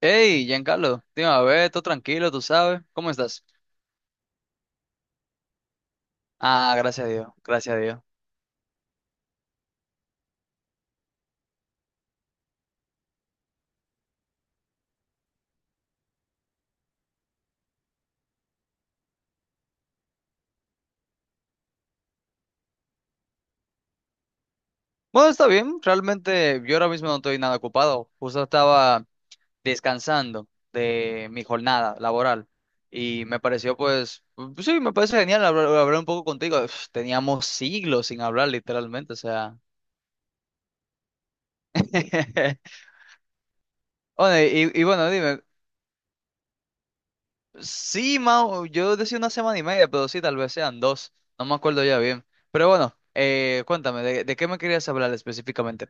Hey, Giancarlo, te iba a ver, todo tranquilo, tú sabes. ¿Cómo estás? Ah, gracias a Dios, gracias a Dios. Bueno, está bien, realmente yo ahora mismo no estoy nada ocupado. Justo estaba descansando de mi jornada laboral y me pareció, pues, sí, me parece genial hablar un poco contigo. Uf, teníamos siglos sin hablar, literalmente, o sea. Bueno, y, bueno, dime. Sí, Mau, yo decía una semana y media, pero sí, tal vez sean dos. No me acuerdo ya bien. Pero bueno, cuéntame, ¿de qué me querías hablar específicamente?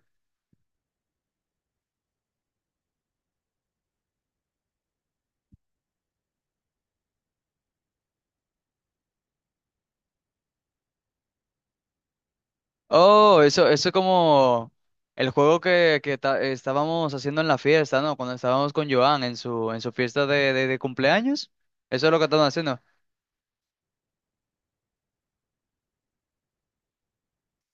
Oh, eso es como el juego que estábamos haciendo en la fiesta, ¿no? Cuando estábamos con Joan en su fiesta de cumpleaños. Eso es lo que estamos haciendo.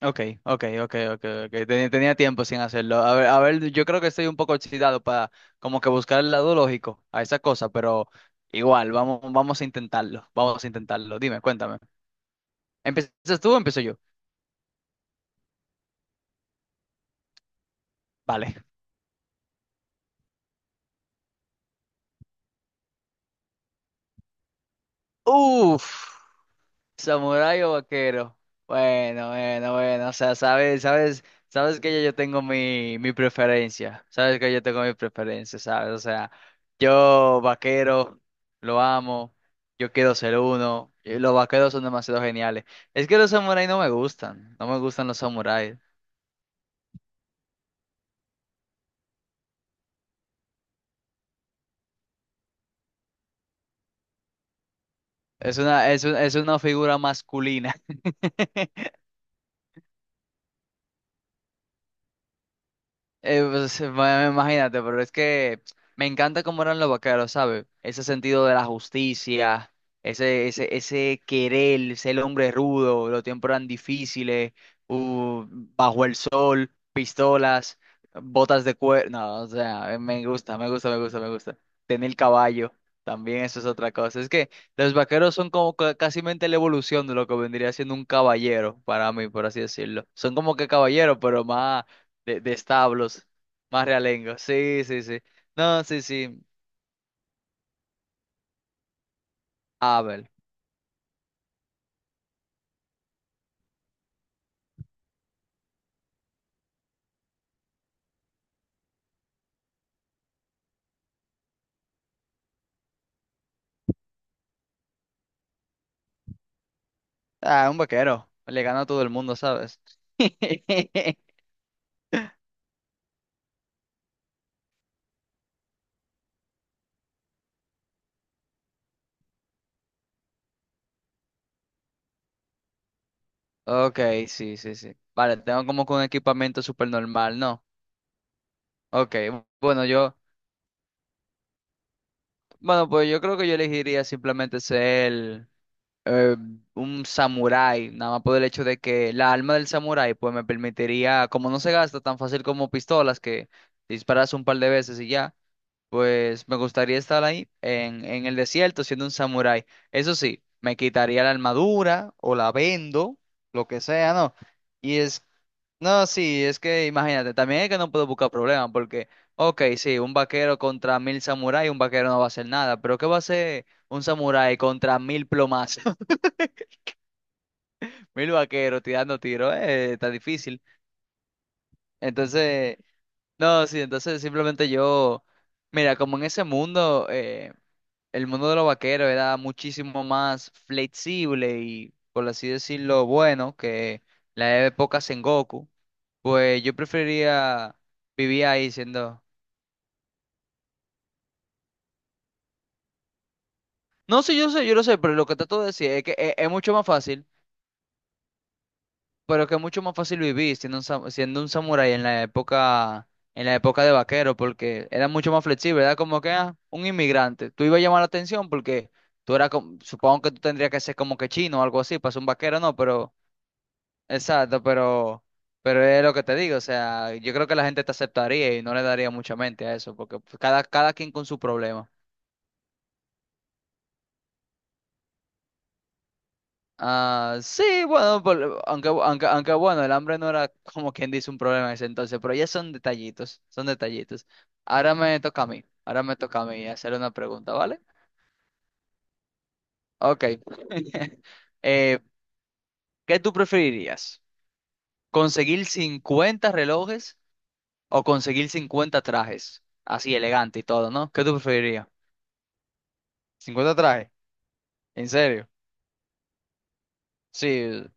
Ok, ok, ok, ok, ok. Tenía tiempo sin hacerlo. A ver, yo creo que estoy un poco oxidado para como que buscar el lado lógico a esa cosa, pero igual, vamos a intentarlo. Vamos a intentarlo. Dime, cuéntame. ¿Empiezas tú o empiezo yo? Vale. Uf. ¿Samurái o vaquero? Bueno, o sea, sabes que yo tengo mi preferencia, sabes que yo tengo mi preferencia, sabes, o sea, yo vaquero, lo amo, yo quiero ser uno, y los vaqueros son demasiado geniales. Es que los samuráis no me gustan, no me gustan los samuráis, es una figura masculina. Pues, bueno, imagínate, pero es que me encanta cómo eran los vaqueros, ¿sabes? Ese sentido de la justicia, ese querer, ser el hombre rudo, los tiempos eran difíciles, bajo el sol, pistolas, botas de cuero. No, o sea, me gusta, me gusta, me gusta, me gusta. Tener el caballo, también eso es otra cosa. Es que los vaqueros son como casi mente la evolución de lo que vendría siendo un caballero, para mí, por así decirlo. Son como que caballeros, pero más de establos, más realengo. Sí, sí, sí. No, sí, sí. Abel. Ah, un vaquero. Le gana a todo el mundo, ¿sabes? Ok, sí, sí, sí. Vale, tengo como que un equipamiento súper normal, ¿no? Ok, bueno, yo, bueno, pues yo creo que yo elegiría simplemente ser eh, un samurái, nada más por el hecho de que la alma del samurái, pues me permitiría, como no se gasta tan fácil como pistolas, que disparas un par de veces y ya. Pues me gustaría estar ahí en el desierto siendo un samurái. Eso sí, me quitaría la armadura o la vendo, lo que sea, ¿no? Y es, no, sí, es que imagínate, también es que no puedo buscar problemas porque, ok, sí, un vaquero contra 1000 samuráis, un vaquero no va a hacer nada, pero ¿qué va a hacer un samurái contra 1000 plomazos? 1000 vaqueros tirando tiros, está difícil. Entonces, no, sí, entonces simplemente yo, mira, como en ese mundo, el mundo de los vaqueros era muchísimo más flexible y, por así decirlo, bueno que la época Sengoku, pues yo preferiría vivir ahí siendo. No sé, yo sé, yo lo sé, pero lo que trato de decir es que es, mucho más fácil, pero que es mucho más fácil vivir siendo siendo un samurái en la época de vaquero, porque era mucho más flexible, era como que un inmigrante. Tú ibas a llamar la atención porque tú eras, supongo que tú tendrías que ser como que chino o algo así, para ser un vaquero, no, pero. Exacto, pero es lo que te digo, o sea, yo creo que la gente te aceptaría y no le daría mucha mente a eso, porque pues, cada quien con su problema. Ah, sí, bueno, aunque, bueno, el hambre no era como quien dice un problema en ese entonces, pero ya son detallitos, son detallitos. Ahora me toca a mí hacer una pregunta, ¿vale? Ok. Eh, ¿qué tú preferirías? ¿Conseguir 50 relojes o conseguir 50 trajes? Así elegante y todo, ¿no? ¿Qué tú preferirías? 50 trajes, en serio. Sí,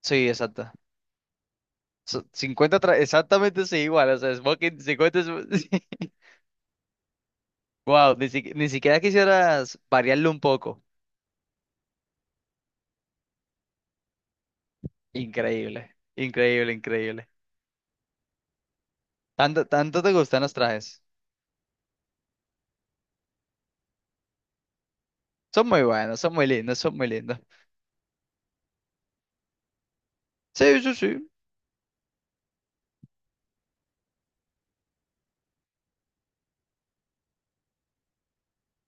sí, exacta. 50 trajes, exactamente sí, igual. O sea, es Smoking 50. Wow, ni, si ni siquiera quisieras variarlo un poco. Increíble, increíble, increíble. Tanto te gustan los trajes. Son muy buenos, son muy lindos, son muy lindos. Sí, sí, sí.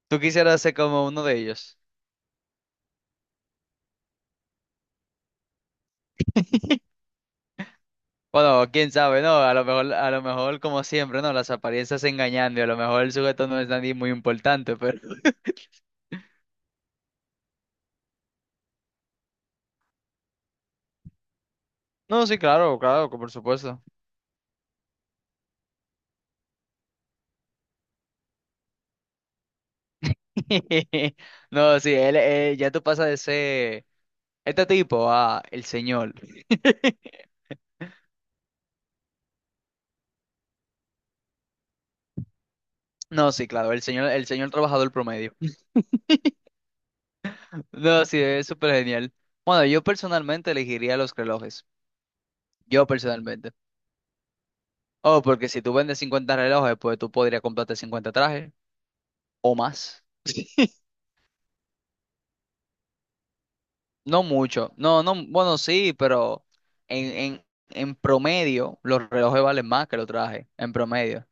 Tú quisieras ser como uno de ellos. Bueno, quién sabe, ¿no? A lo mejor, como siempre, ¿no? Las apariencias engañando y a lo mejor el sujeto no es nadie muy importante, pero. No, sí, claro, claro, que por supuesto. No, sí, él, ya tú pasas de ser este tipo a el señor. No, sí, claro, el señor trabajador promedio. No, sí, es súper genial. Bueno, yo personalmente elegiría los relojes. Yo personalmente. Oh, porque si tú vendes 50 relojes, pues tú podrías comprarte 50 trajes o más. No mucho. No, no, bueno, sí, pero en, en, en promedio los relojes valen más que los trajes, en promedio.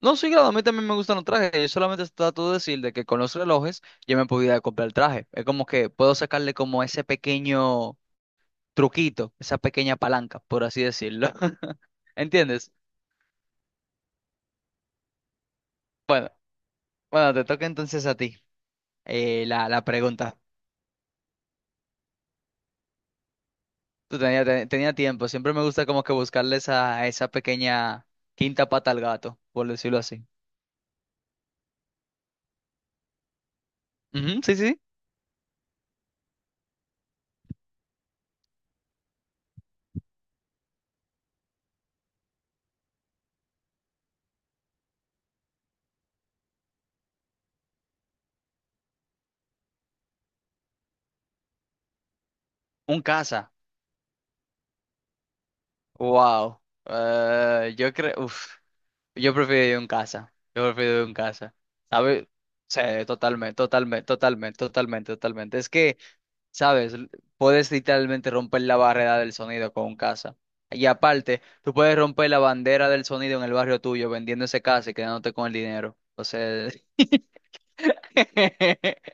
No, sí, claro, a mí también me gustan los trajes. Yo solamente trato de decir de que con los relojes yo me podía comprar el traje. Es como que puedo sacarle como ese pequeño truquito, esa pequeña palanca, por así decirlo. ¿Entiendes? Bueno, bueno, te toca entonces a ti la pregunta. Tú tenía, tenía tiempo. Siempre me gusta como que buscarle esa pequeña quinta pata al gato, por decirlo así. Ujú, sí, sí. Sí. Un caza. Wow. Yo creo, uf, yo prefiero ir en casa. Yo prefiero ir en casa. ¿Sabes? Sí, totalmente, totalmente, totalmente, totalmente, totalmente. Es que, ¿sabes? Puedes literalmente romper la barrera del sonido con un casa. Y aparte, tú puedes romper la bandera del sonido en el barrio tuyo vendiendo ese casa y quedándote con el dinero. O sea.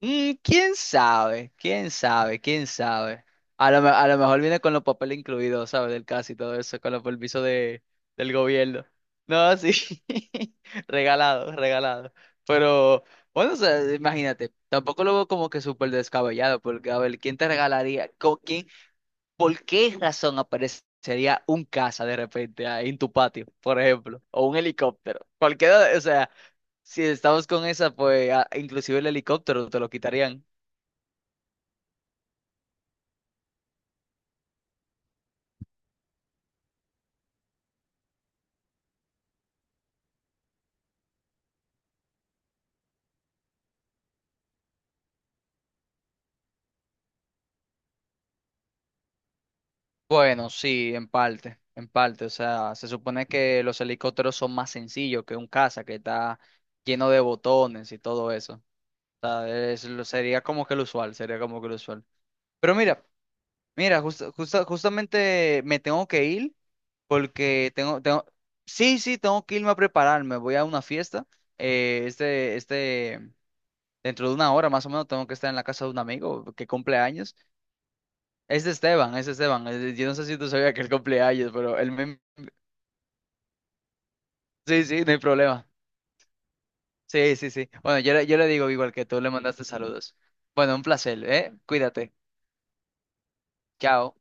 Mm, ¿quién sabe? ¿Quién sabe? ¿Quién sabe? A lo mejor viene con los papeles incluidos, ¿sabes? Del caso y todo eso, con los permisos del gobierno. No, sí. Regalado, regalado. Pero, bueno, o sea, imagínate, tampoco lo veo como que súper descabellado, porque, a ver, ¿quién te regalaría? ¿Por qué razón aparecería un caza de repente ahí en tu patio, por ejemplo? O un helicóptero. Cualquiera, o sea, si estamos con esa, pues inclusive el helicóptero te lo quitarían. Bueno, sí, en parte, en parte. O sea, se supone que los helicópteros son más sencillos que un caza que está lleno de botones y todo eso. O sea, sería como que lo usual, sería como que lo usual. Pero mira, Mira, justamente me tengo que ir porque sí, sí, tengo que irme a prepararme. Voy a una fiesta. eh, este, este, dentro de una hora más o menos tengo que estar en la casa de un amigo que cumple años. Es de Esteban, es de Esteban. Es Yo no sé si tú sabías que él cumple años, pero él me. Sí, sí, no hay problema. Sí, sí, sí. Bueno, yo le digo igual que tú le mandaste saludos. Bueno, un placer, ¿eh? Cuídate. Chao.